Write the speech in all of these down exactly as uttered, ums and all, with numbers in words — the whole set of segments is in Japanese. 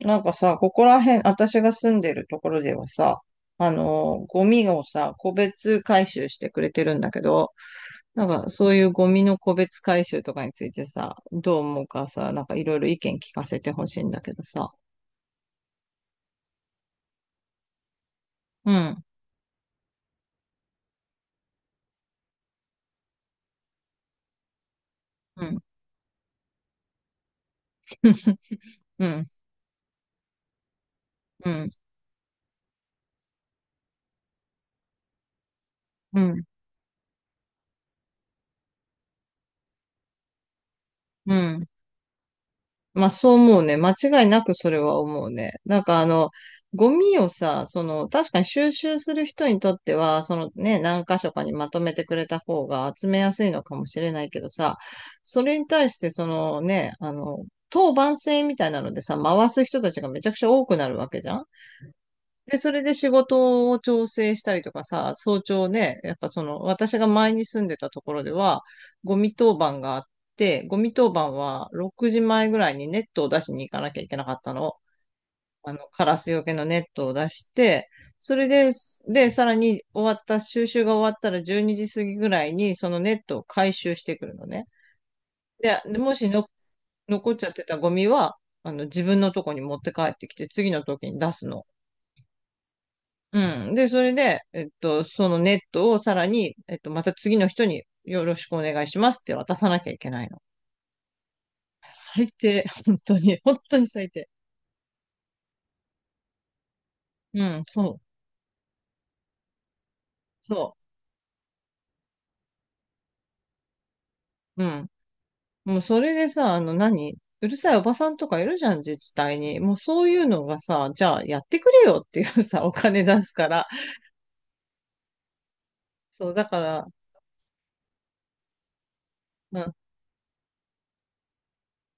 なんかさ、ここら辺、私が住んでるところではさ、あのー、ゴミをさ、個別回収してくれてるんだけど、なんかそういうゴミの個別回収とかについてさ、どう思うかさ、なんかいろいろ意見聞かせてほしいんだけどさ。うん、うん、うん、うん、うん、うん、まあそう思うね。間違いなくそれは思うね。なんかあの、ゴミをさ、その、確かに収集する人にとっては、そのね、何箇所かにまとめてくれた方が集めやすいのかもしれないけどさ、それに対してそのね、あの、当番制みたいなのでさ、回す人たちがめちゃくちゃ多くなるわけじゃん。で、それで仕事を調整したりとかさ、早朝ね、やっぱその、私が前に住んでたところでは、ゴミ当番があって、ゴミ当番はろくじまえぐらいにネットを出しに行かなきゃいけなかったの。あの、カラスよけのネットを出して、それで、で、さらに終わった、収集が終わったらじゅうにじ過ぎぐらいに、そのネットを回収してくるのね。で、でもしの残っちゃってたゴミは、あの、自分のとこに持って帰ってきて、次の時に出すの。うん。で、それで、えっと、そのネットをさらに、えっと、また次の人によろしくお願いしますって渡さなきゃいけないの。最低。本当に。本当に最低。うん。そう。そう。うん。もうそれでさ、あの何、うるさいおばさんとかいるじゃん、自治体に。もうそういうのがさ、じゃあやってくれよっていうさ、お金出すから。そう、だから、うん。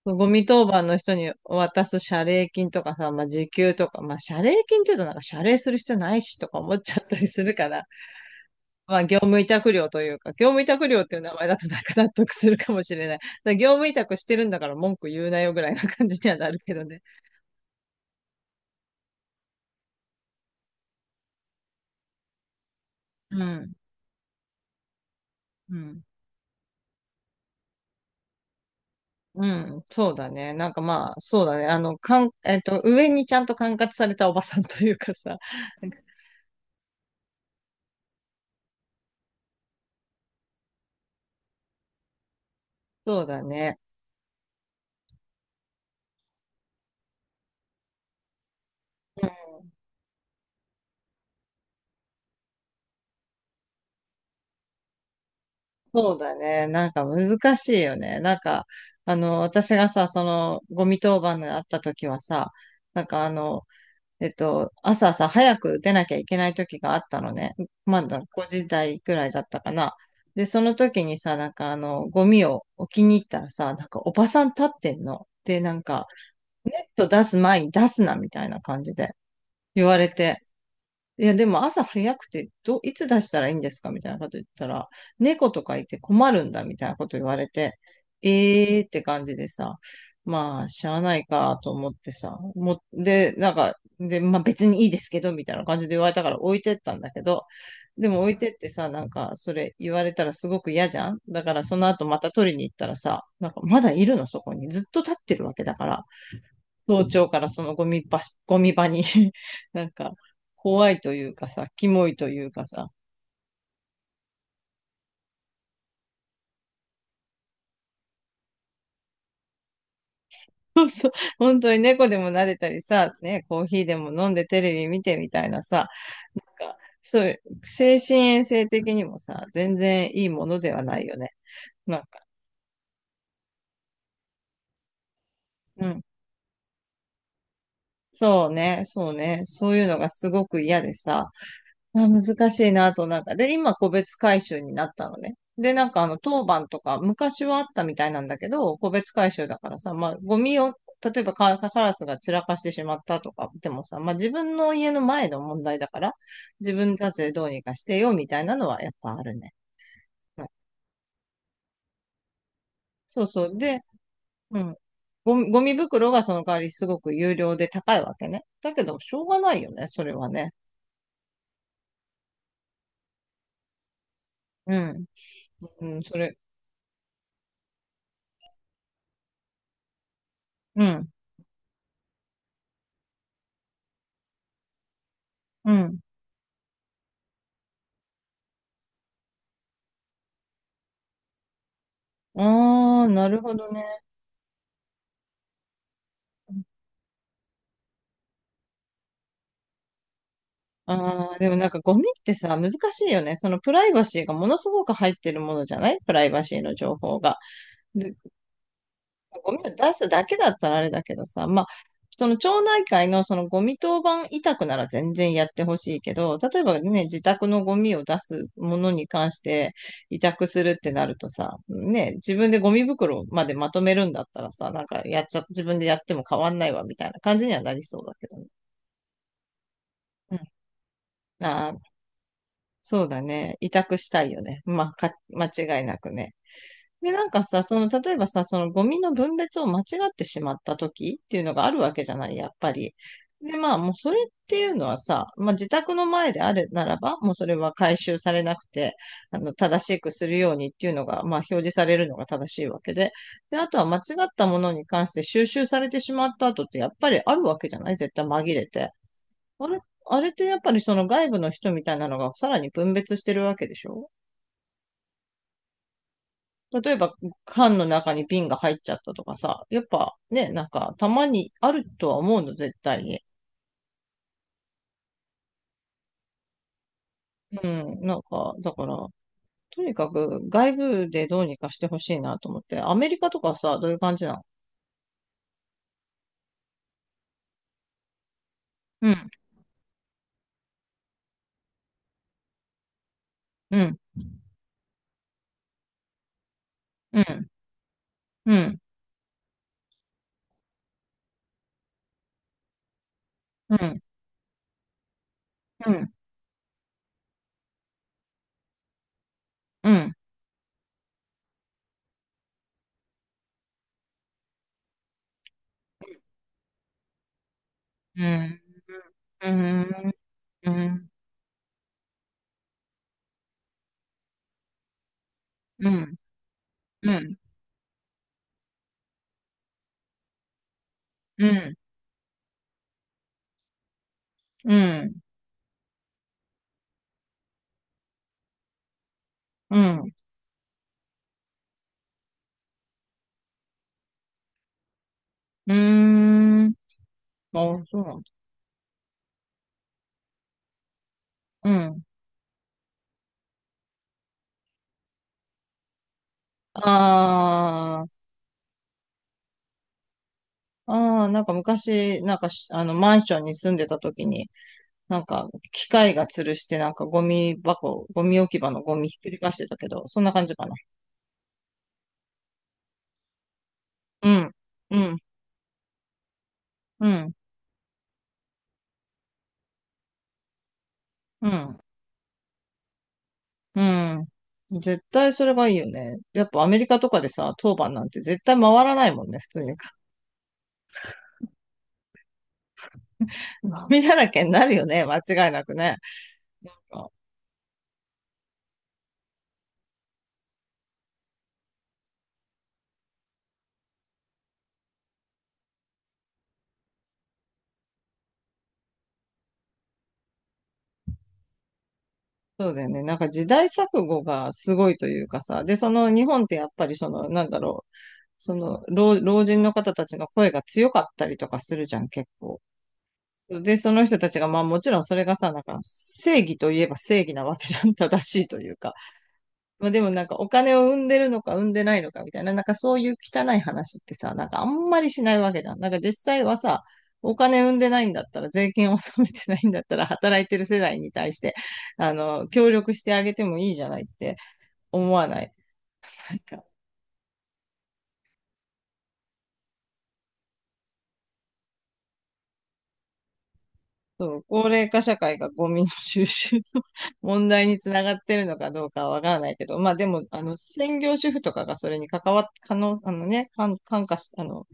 ゴミ当番の人に渡す謝礼金とかさ、まあ、時給とか、まあ、謝礼金って言うとなんか謝礼する必要ないしとか思っちゃったりするから、まあ、業務委託料というか、業務委託料っていう名前だとなんか納得するかもしれない。だから業務委託してるんだから文句言うなよぐらいな感じにはなるけどね。うん。うん。うん。そうだね。なんかまあ、そうだね。あの、かん、えっと、上にちゃんと管轄されたおばさんというかさ。なんかそうだね。うん、そうだね。なんか難しいよね。なんか、あの、私がさ、その、ゴミ当番があった時はさ、なんかあの、えっと、朝さ、早く出なきゃいけない時があったのね。まだごじ台くらいだったかな。で、その時にさ、なんかあの、ゴミを置きに行ったらさ、なんかおばさん立ってんの。で、なんか、ネット出す前に出すな、みたいな感じで言われて。いや、でも朝早くて、ど、いつ出したらいいんですかみたいなこと言ったら、猫とかいて困るんだみたいなこと言われて、えーって感じでさ、まあ、しゃあないかと思ってさ、も、で、なんか、で、まあ別にいいですけど、みたいな感じで言われたから置いてったんだけど、でも置いてってさ、なんか、それ言われたらすごく嫌じゃんだからその後また取りに行ったらさ、なんかまだいるのそこに。ずっと立ってるわけだから。早朝からそのゴミ場、ゴミ場に なんか、怖いというかさ、キモいというかさ、そうそう、本当に猫でも撫でたりさ、ね、コーヒーでも飲んでテレビ見てみたいなさ、なんかそれ精神衛生的にもさ、全然いいものではないよね。なんか、うん。そうね、そうね、そういうのがすごく嫌でさ、あ、難しいなと、なんか。で、今、個別回収になったのね。で、なんか、あの、当番とか、昔はあったみたいなんだけど、個別回収だからさ、まあ、ゴミを、例えばカ、カラスが散らかしてしまったとか、でもさ、まあ、自分の家の前の問題だから、自分たちでどうにかしてよ、みたいなのはやっぱあるね。うん、そうそう。で、うん。ゴミ、ゴミ袋がその代わりすごく有料で高いわけね。だけど、しょうがないよね、それはね。うん。うん、それ。うん。うん。ああ、なるほどね。ああ、でもなんかゴミってさ、難しいよね。そのプライバシーがものすごく入ってるものじゃないプライバシーの情報が。で、ゴミを出すだけだったらあれだけどさ、まあ、その町内会のそのゴミ当番委託なら全然やってほしいけど、例えばね、自宅のゴミを出すものに関して委託するってなるとさ、ね、自分でゴミ袋までまとめるんだったらさ、なんかやっちゃ、自分でやっても変わんないわみたいな感じにはなりそうだけどね。うん。ああ、そうだね。委託したいよね。まあ、か、間違いなくね。で、なんかさ、その、例えばさ、そのゴミの分別を間違ってしまった時っていうのがあるわけじゃない、やっぱり。で、まあ、もうそれっていうのはさ、まあ、自宅の前であるならば、もうそれは回収されなくて、あの、正しくするようにっていうのが、まあ、表示されるのが正しいわけで。で、あとは間違ったものに関して収集されてしまった後って、やっぱりあるわけじゃない絶対紛れて。ああ、ああ、なんか昔、なんかし、あの、マンションに住んでた時に、なんか、機械が吊るして、なんか、ゴミ箱、ゴミ置き場のゴミひっくり返してたけど、そんな感じかな。うん、うん、うん、うん、うん。絶対それがいいよね。やっぱアメリカとかでさ、当番なんて絶対回らないもんね、普通に。ゴミだらけになるよね、間違いなくね。そうだよね。なんか時代錯誤がすごいというかさ、で、その日本ってやっぱりその、なんだろう、その老、老人の方たちの声が強かったりとかするじゃん、結構。で、その人たちが、まあもちろんそれがさ、なんか正義といえば正義なわけじゃん、正しいというか。まあでもなんかお金を生んでるのか生んでないのかみたいな、なんかそういう汚い話ってさ、なんかあんまりしないわけじゃん。なんか実際はさ、お金生んでないんだったら、税金を納めてないんだったら、働いてる世代に対して、あの、協力してあげてもいいじゃないって思わない。なんかそう、高齢化社会がゴミの収集の 問題につながってるのかどうかはわからないけど、まあでも、あの、専業主婦とかがそれに関わっ、可能、あのね、関関化し、あの、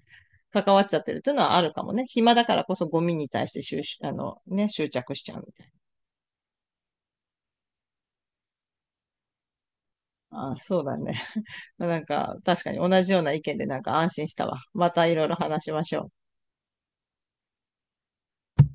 関わっちゃってるっていうのはあるかもね。暇だからこそゴミに対して収集、あの、ね、執着しちゃうみたいな。ああ、そうだね。まあなんか、確かに同じような意見でなんか安心したわ。またいろいろ話しましょう。